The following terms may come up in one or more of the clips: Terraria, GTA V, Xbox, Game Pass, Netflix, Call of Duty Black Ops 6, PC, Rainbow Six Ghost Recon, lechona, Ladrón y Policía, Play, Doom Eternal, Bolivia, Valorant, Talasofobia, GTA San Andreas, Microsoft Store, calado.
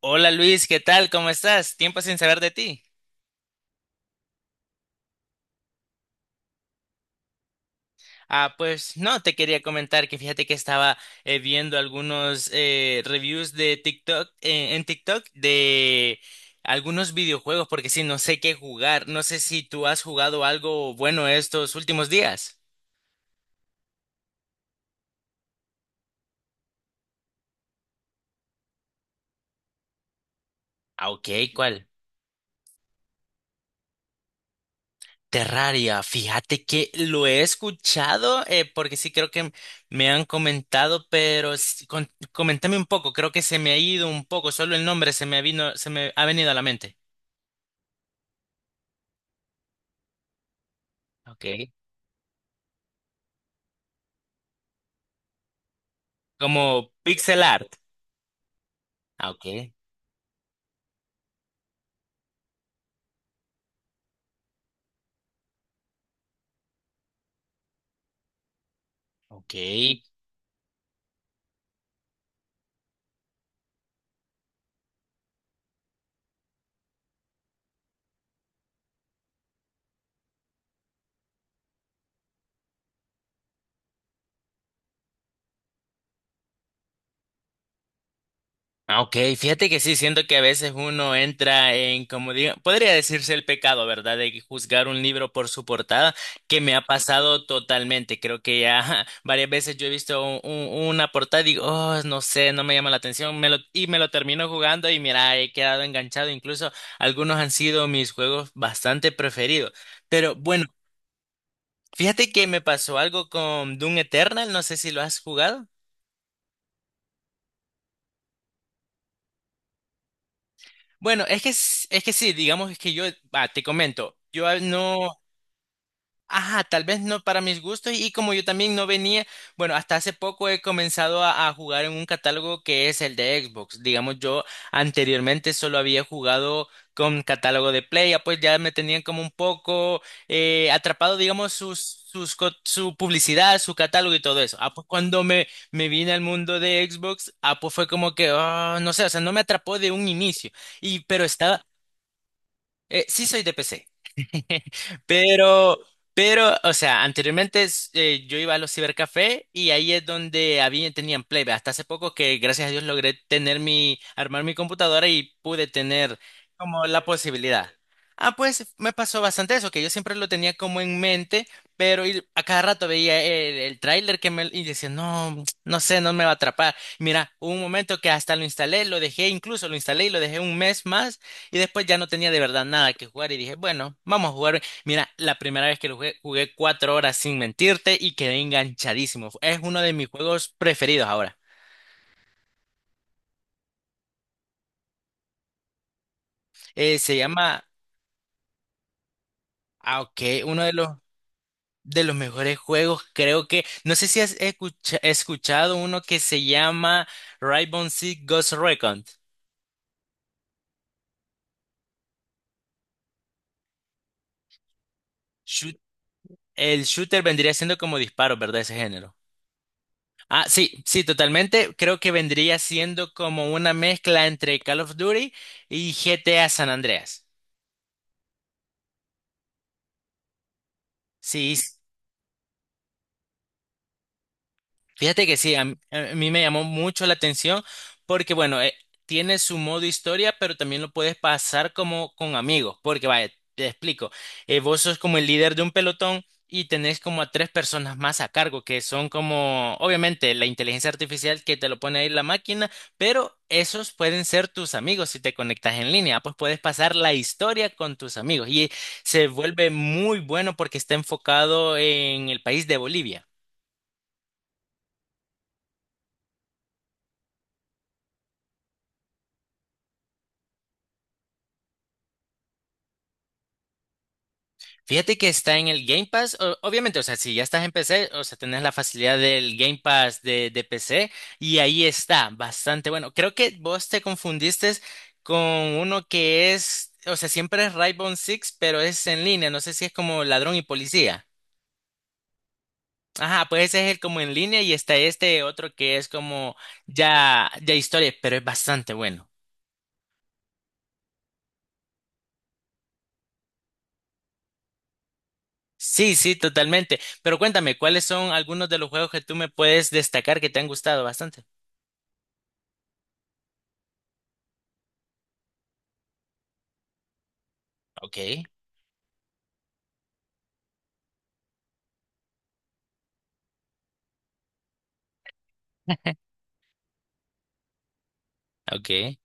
Hola Luis, ¿qué tal? ¿Cómo estás? Tiempo sin saber de ti. Ah, pues no, te quería comentar que fíjate que estaba viendo algunos reviews de TikTok en TikTok de algunos videojuegos porque sí, no sé qué jugar. No sé si tú has jugado algo bueno estos últimos días. Ah, ok, ¿cuál? Terraria, fíjate que lo he escuchado, porque sí creo que me han comentado, pero coméntame un poco, creo que se me ha ido un poco, solo el nombre se me vino, se me ha venido a la mente. Okay. Como pixel art. Ah, ok. Ok. Ah, ok, fíjate que sí, siento que a veces uno entra en, como digo, podría decirse el pecado, ¿verdad? De juzgar un libro por su portada, que me ha pasado totalmente. Creo que ya varias veces yo he visto una portada y digo, oh, no sé, no me llama la atención, me lo, y me lo termino jugando y mira, he quedado enganchado. Incluso algunos han sido mis juegos bastante preferidos. Pero bueno, fíjate que me pasó algo con Doom Eternal, no sé si lo has jugado. Bueno, es que, es que sí, digamos es que yo, va, te comento, yo no, ajá, tal vez no para mis gustos y como yo también no venía, bueno, hasta hace poco he comenzado a, jugar en un catálogo que es el de Xbox. Digamos, yo anteriormente solo había jugado con catálogo de Play, ya pues ya me tenían como un poco atrapado, digamos, su publicidad, su catálogo y todo eso. Ah, pues cuando me vine al mundo de Xbox, ah, pues fue como que, ah, no sé, o sea, no me atrapó de un inicio. Y pero estaba, sí soy de PC, pero, pero, o sea, anteriormente es, yo iba a los cibercafé y ahí es donde había, tenían play. Hasta hace poco que gracias a Dios logré tener mi, armar mi computadora y pude tener como la posibilidad. Ah, pues me pasó bastante eso, que yo siempre lo tenía como en mente, pero y a cada rato veía el, tráiler que me y decía, no, no sé, no me va a atrapar. Mira, hubo un momento que hasta lo instalé, lo dejé, incluso lo instalé y lo dejé un mes más y después ya no tenía de verdad nada que jugar y dije, bueno, vamos a jugar. Mira, la primera vez que lo jugué, jugué 4 horas sin mentirte y quedé enganchadísimo. Es uno de mis juegos preferidos ahora. Eh, se llama, ah, ok, uno de los, mejores juegos, creo que, no sé si escuchado uno que se llama Rainbow Six Ghost Recon. Shoot- el shooter vendría siendo como disparos, ¿verdad? Ese género. Ah, sí, sí, totalmente. Creo que vendría siendo como una mezcla entre Call of Duty y GTA San Andreas. Sí, fíjate que sí, a mí me llamó mucho la atención porque, bueno, tiene su modo historia, pero también lo puedes pasar como con amigos, porque, vaya, te explico, vos sos como el líder de un pelotón y tenés como a tres personas más a cargo, que son como, obviamente, la inteligencia artificial que te lo pone ahí la máquina, pero esos pueden ser tus amigos si te conectas en línea, pues puedes pasar la historia con tus amigos y se vuelve muy bueno porque está enfocado en el país de Bolivia. Fíjate que está en el Game Pass. O obviamente, o sea, si ya estás en PC, o sea, tenés la facilidad del Game Pass de PC y ahí está, bastante bueno. Creo que vos te confundiste con uno que es, o sea, siempre es Rainbow Six, pero es en línea. No sé si es como Ladrón y Policía. Ajá, pues ese es el como en línea y está este otro que es como ya, ya historia, pero es bastante bueno. Sí, sí, totalmente. Pero cuéntame, ¿cuáles son algunos de los juegos que tú me puedes destacar que te han gustado bastante? Ok. Okay.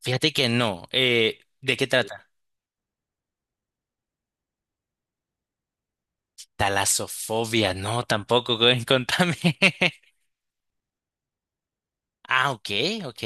Fíjate que no. ¿De qué trata? Talasofobia, no, tampoco, güey, contame. Ah, ok, ok.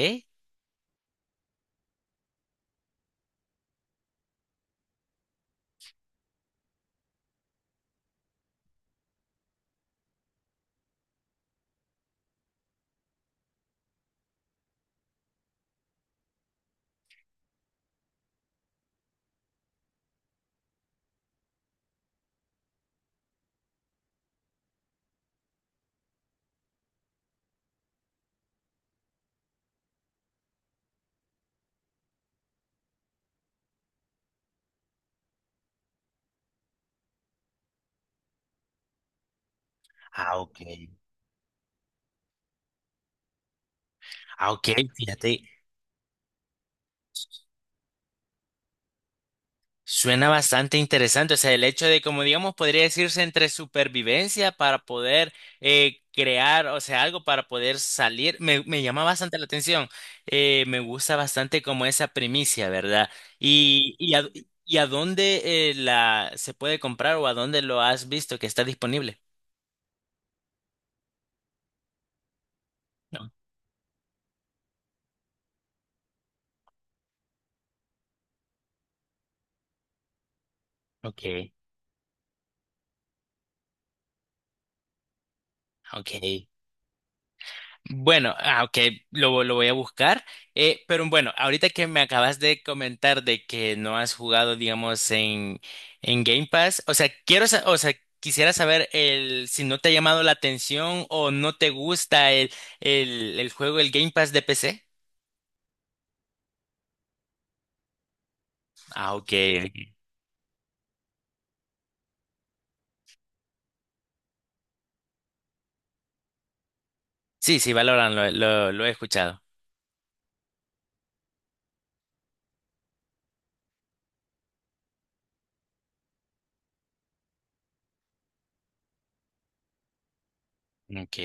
Ah, ok. Ah, ok, fíjate. Suena bastante interesante, o sea, el hecho de, como digamos, podría decirse entre supervivencia para poder crear, o sea, algo para poder salir, me, llama bastante la atención. Me gusta bastante como esa primicia, ¿verdad? Y, y, a, y a dónde la se puede comprar o a dónde lo has visto que está disponible. No. Ok, ok. Bueno, ah, ok, lo, voy a buscar. Pero bueno, ahorita que me acabas de comentar de que no has jugado, digamos, en Game Pass, o sea, quiero, o sea, quisiera saber si no te ha llamado la atención o no te gusta el, juego, el Game Pass de PC. Ah, ok. Sí, sí, Valorant, lo he escuchado. Ok.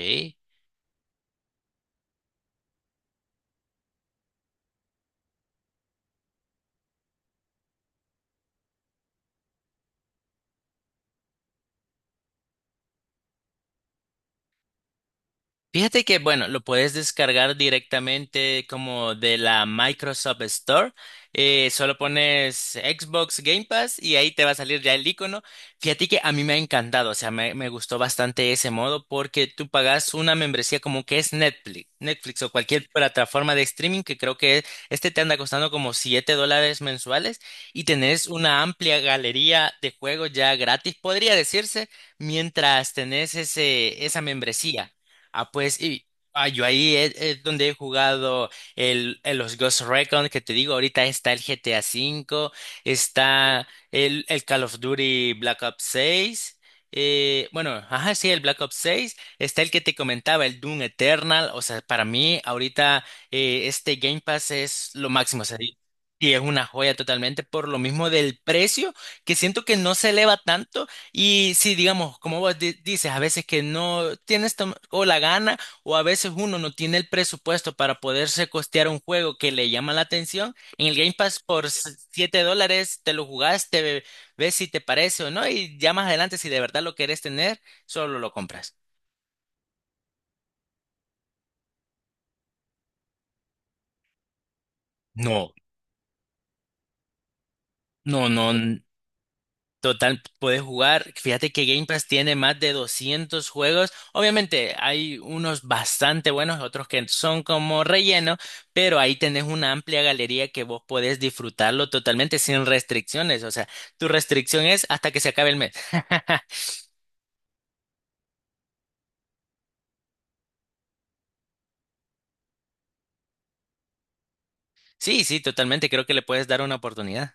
Fíjate que, bueno, lo puedes descargar directamente como de la Microsoft Store. Solo pones Xbox Game Pass y ahí te va a salir ya el icono. Fíjate que a mí me ha encantado, o sea, me gustó bastante ese modo porque tú pagas una membresía como que es Netflix, Netflix o cualquier plataforma de streaming que creo que este te anda costando como $7 mensuales y tenés una amplia galería de juegos ya gratis, podría decirse, mientras tenés ese, esa membresía. Ah, pues, y ah, yo ahí es, donde he jugado el, los Ghost Recon, que te digo, ahorita está el GTA V, está el Call of Duty Black Ops 6, bueno, ajá, sí, el Black Ops 6, está el que te comentaba, el Doom Eternal, o sea, para mí ahorita este Game Pass es lo máximo, o sea, y es una joya totalmente por lo mismo del precio, que siento que no se eleva tanto. Y sí, digamos, como vos dices, a veces que no tienes o la gana o a veces uno no tiene el presupuesto para poderse costear un juego que le llama la atención. En el Game Pass por $7 te lo jugaste, ves si te parece o no y ya más adelante si de verdad lo querés tener, solo lo compras. No, no, no. Total, puedes jugar. Fíjate que Game Pass tiene más de 200 juegos. Obviamente hay unos bastante buenos, otros que son como relleno, pero ahí tenés una amplia galería que vos podés disfrutarlo totalmente sin restricciones. O sea, tu restricción es hasta que se acabe el mes. Sí, sí, totalmente. Creo que le puedes dar una oportunidad.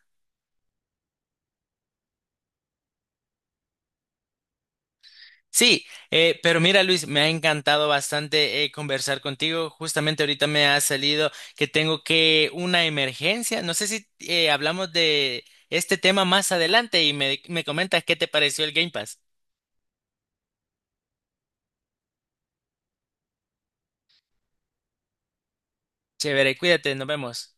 Sí, pero mira Luis, me ha encantado bastante conversar contigo. Justamente ahorita me ha salido que tengo que una emergencia. No sé si hablamos de este tema más adelante y me, comentas qué te pareció el Game Pass. Chévere, cuídate, nos vemos.